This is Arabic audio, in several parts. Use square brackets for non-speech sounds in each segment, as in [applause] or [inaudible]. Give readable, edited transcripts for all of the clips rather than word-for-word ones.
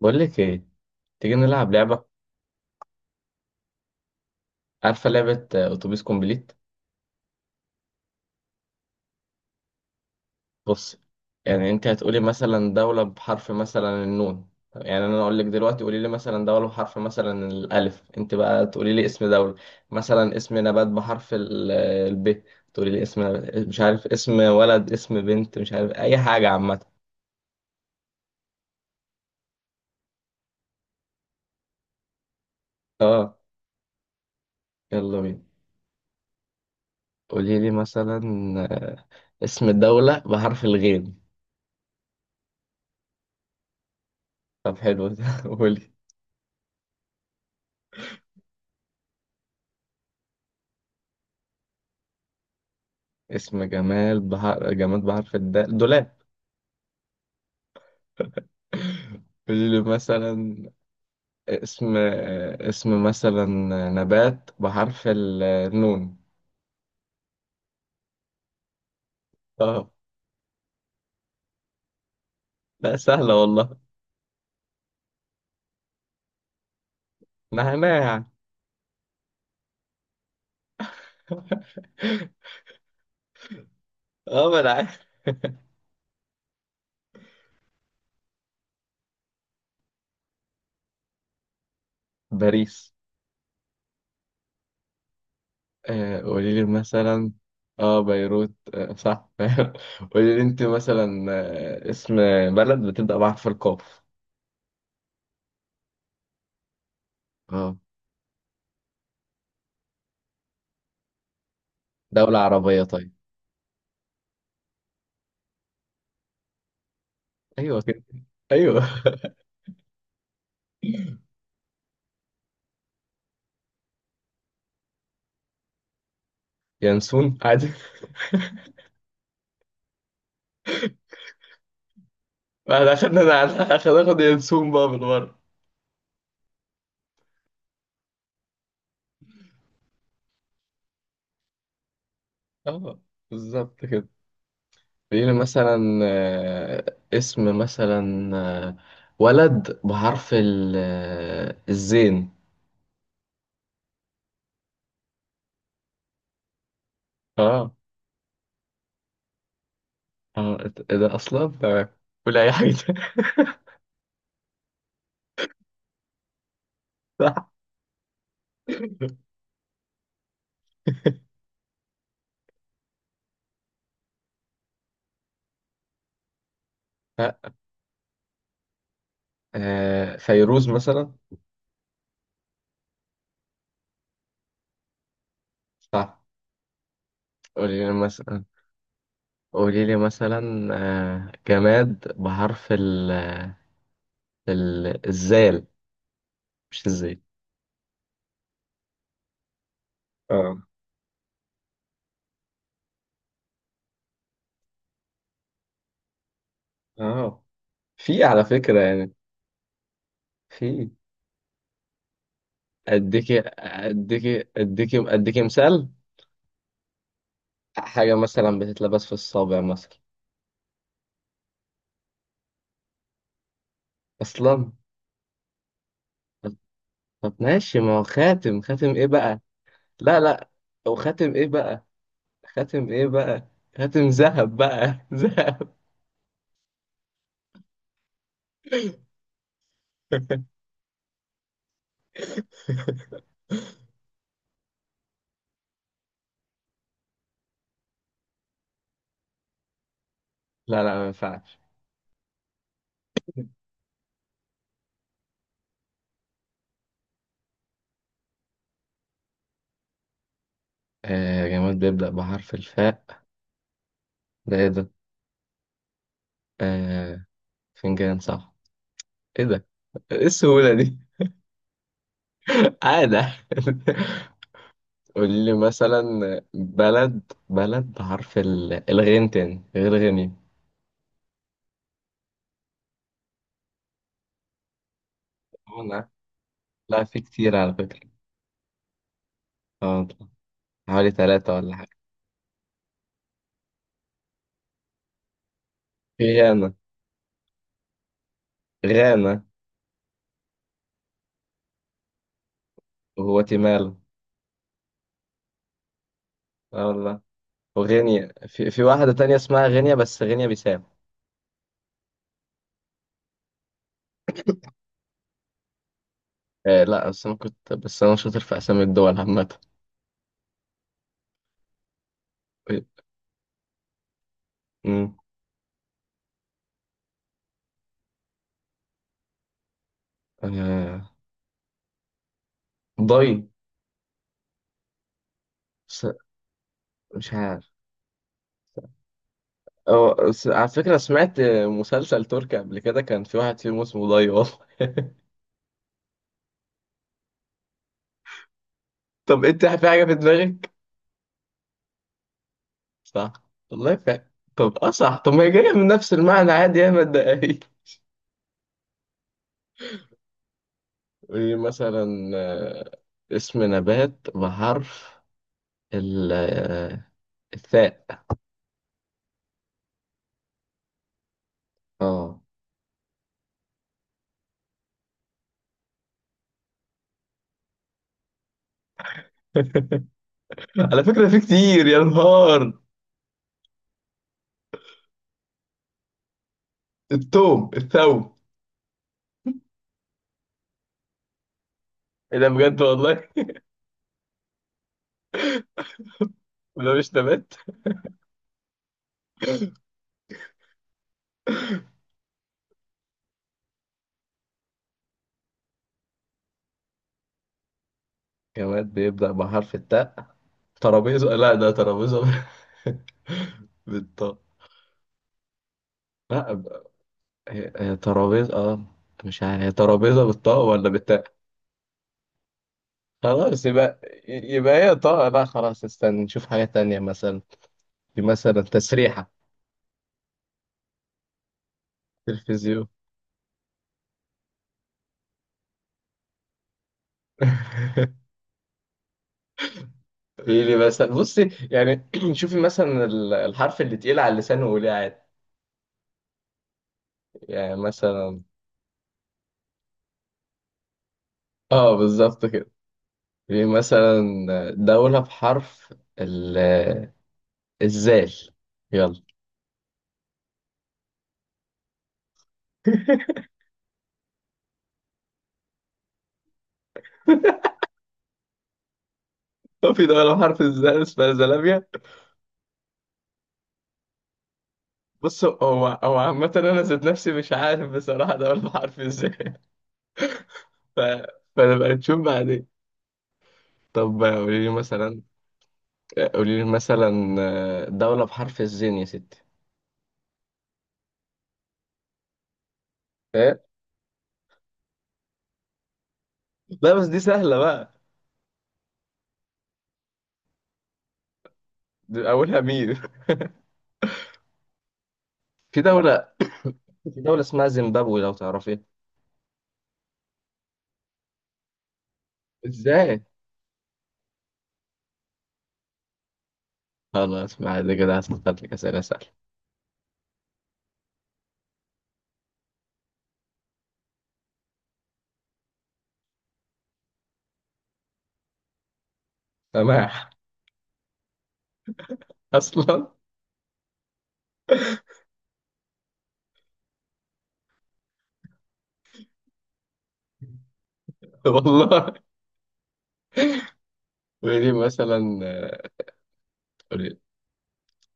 بقول لك ايه؟ تيجي نلعب لعبة. عارفة لعبة اتوبيس كومبليت؟ بص، يعني انت هتقولي مثلا دولة بحرف مثلا النون. يعني انا اقول لك دلوقتي، قولي لي مثلا دولة بحرف مثلا الالف، انت بقى تقولي لي اسم دولة، مثلا اسم نبات بحرف الب، تقولي لي اسم، مش عارف، اسم ولد اسم بنت، مش عارف اي حاجة عامة. اه، يلا بينا. قولي لي مثلا آه، اسم دولة بحرف الغين. طب حلو ده، [laughs] قولي. اسم جمال بحر جماد بحرف الدال، دولاب. [laughs] قولي لي مثلا اسم اسم مثلا نبات بحرف النون. اه. لا، سهلة والله. نعناع يعني. [laughs] اه، ما انا عارف. باريس. آه، قولي لي مثلا. اه، بيروت، آه صح. [laughs] قولي لي انت مثلا اسم بلد بتبدأ بحرف القاف. اه، دولة عربية طيب. ايوه كده. ايوه. [laughs] ينسون عادي. بعد اخدنا انا على، اخد [laughs] ينسون بقى بالمره. اه، بالظبط كده. لينا مثلا اسم مثلا آه، ولد بحرف الزين. اه اه، إيه ده اصلا؟ تمام، قول اي حاجه. [laughs] صح. لا، فيروز مثلا. صح. قولي لي مثلا. قولي لي مثلا جماد بحرف الزال، مش الزين. اه. اه. في على فكرة يعني، في، اديكي مثال، حاجة مثلا بتتلبس في الصابع مثلا، اصلا. طب طب ماشي، ما هو خاتم، خاتم ايه بقى؟ لا لا، هو خاتم ايه بقى؟ خاتم ايه بقى؟ خاتم ذهب بقى، [laughs] ذهب. [laughs] لا لا، ما ينفعش. جماد بيبدأ بحرف الفاء، ده ايه ده؟ آه، فنجان، صح. ايه ده؟ ايه السهولة دي؟ [laughs] عادة. [laughs] قول لي مثلا بلد بحرف الغين تاني غير غني. أنا، لا في كتير على فكرة. اه والله. حوالي 3 ولا حاجة. في غانا. غانا وغواتيمالا. اه والله، وغينيا، في واحدة تانية اسمها غينيا، بس غينيا بيساو. آه لا، بس أنا كنت، بس أنا شاطر في أسامي الدول عامة. أمم. آه، ضي. س- مش عارف. على فكرة سمعت مسلسل تركي قبل كده، كان في واحد فيهم اسمه ضي، والله. [laughs] طب انت في حاجة في دماغك؟ صح. والله في حاجة. طب اه صح، طب ما هي جاية من نفس المعنى عادي، يا ما تضايقنيش. ايه مثلا؟ آه، اسم نبات بحرف ال آه، الثاء. اه. [laughs] على فكرة في كتير، يا نهار. الثوم. ايه ده بجد والله! [laughs] ده مش نبات؟ جماد بيبدأ بحرف التاء، ترابيزة، لا ده ترابيزة [laughs] بالطاء. لا، هي هي ترابيزة، اه. مش عارف هي ترابيزة بالطاء ولا بالتاء. خلاص يبقى هي طه، لا خلاص، استنى نشوف حاجة تانية مثلا، في مثلا تسريحة، تلفزيون. [laughs] في لي مثلا بصي يعني [clears throat] شوفي مثلا الحرف اللي تقيل على اللسان وقوليه عادي. يعني مثلا اه بالظبط كده. في مثلا دولة بحرف ال الزال، يلا. [laughs] هو في دولة بحرف الزال اسمها زلابيا؟ بص، هو هو عامة، أنا ذات نفسي مش عارف بصراحة دولة بحرف الزال. [laughs] ف... فنبقى نشوف بعدين. طب قولي لي مثلا، قولي لي مثلا دولة بحرف الزين يا ستي. إيه؟ لا بس دي سهلة بقى. دي أولها مين؟ [laughs] في دولة في دولة اسمها زيمبابوي لو تعرفيها. إزاي؟ خلاص ما عاد كده هسألك لك أسئلة سهلة. سماح. أصلا. [laughs] والله. قولي لي مثلا قولي لي-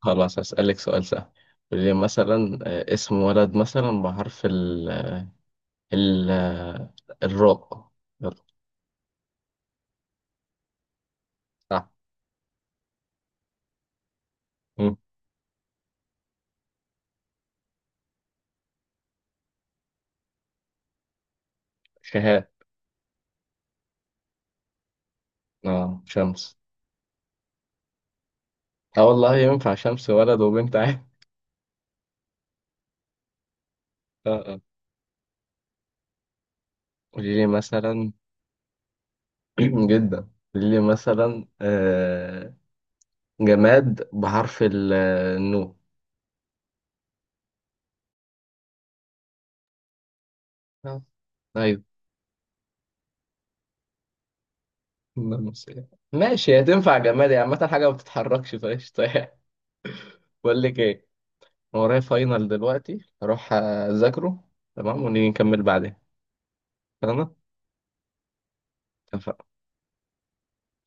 خلاص، هسألك سؤال سهل. قولي لي مثلا اسم ولد مثلا بحرف ال ال آه، الراء، يلا. صح. مم. شهاب. اه، شمس. اه والله ينفع شمس، ولد وبنت عادي. [laughs] اه اه. قولي لي مثلا [clears throat] جدا، قولي لي مثلا جماد بحرف النون. آه، ايوه، ناموس إيه. ماشي، هتنفع جماد يعني عامة، حاجة ما بتتحركش فقشطة يعني. [laughs] بقول لك ايه، أنا ورايا فاينل دلوقتي اروح اذاكره. تمام، ونيجي نكمل بعدين. تمام.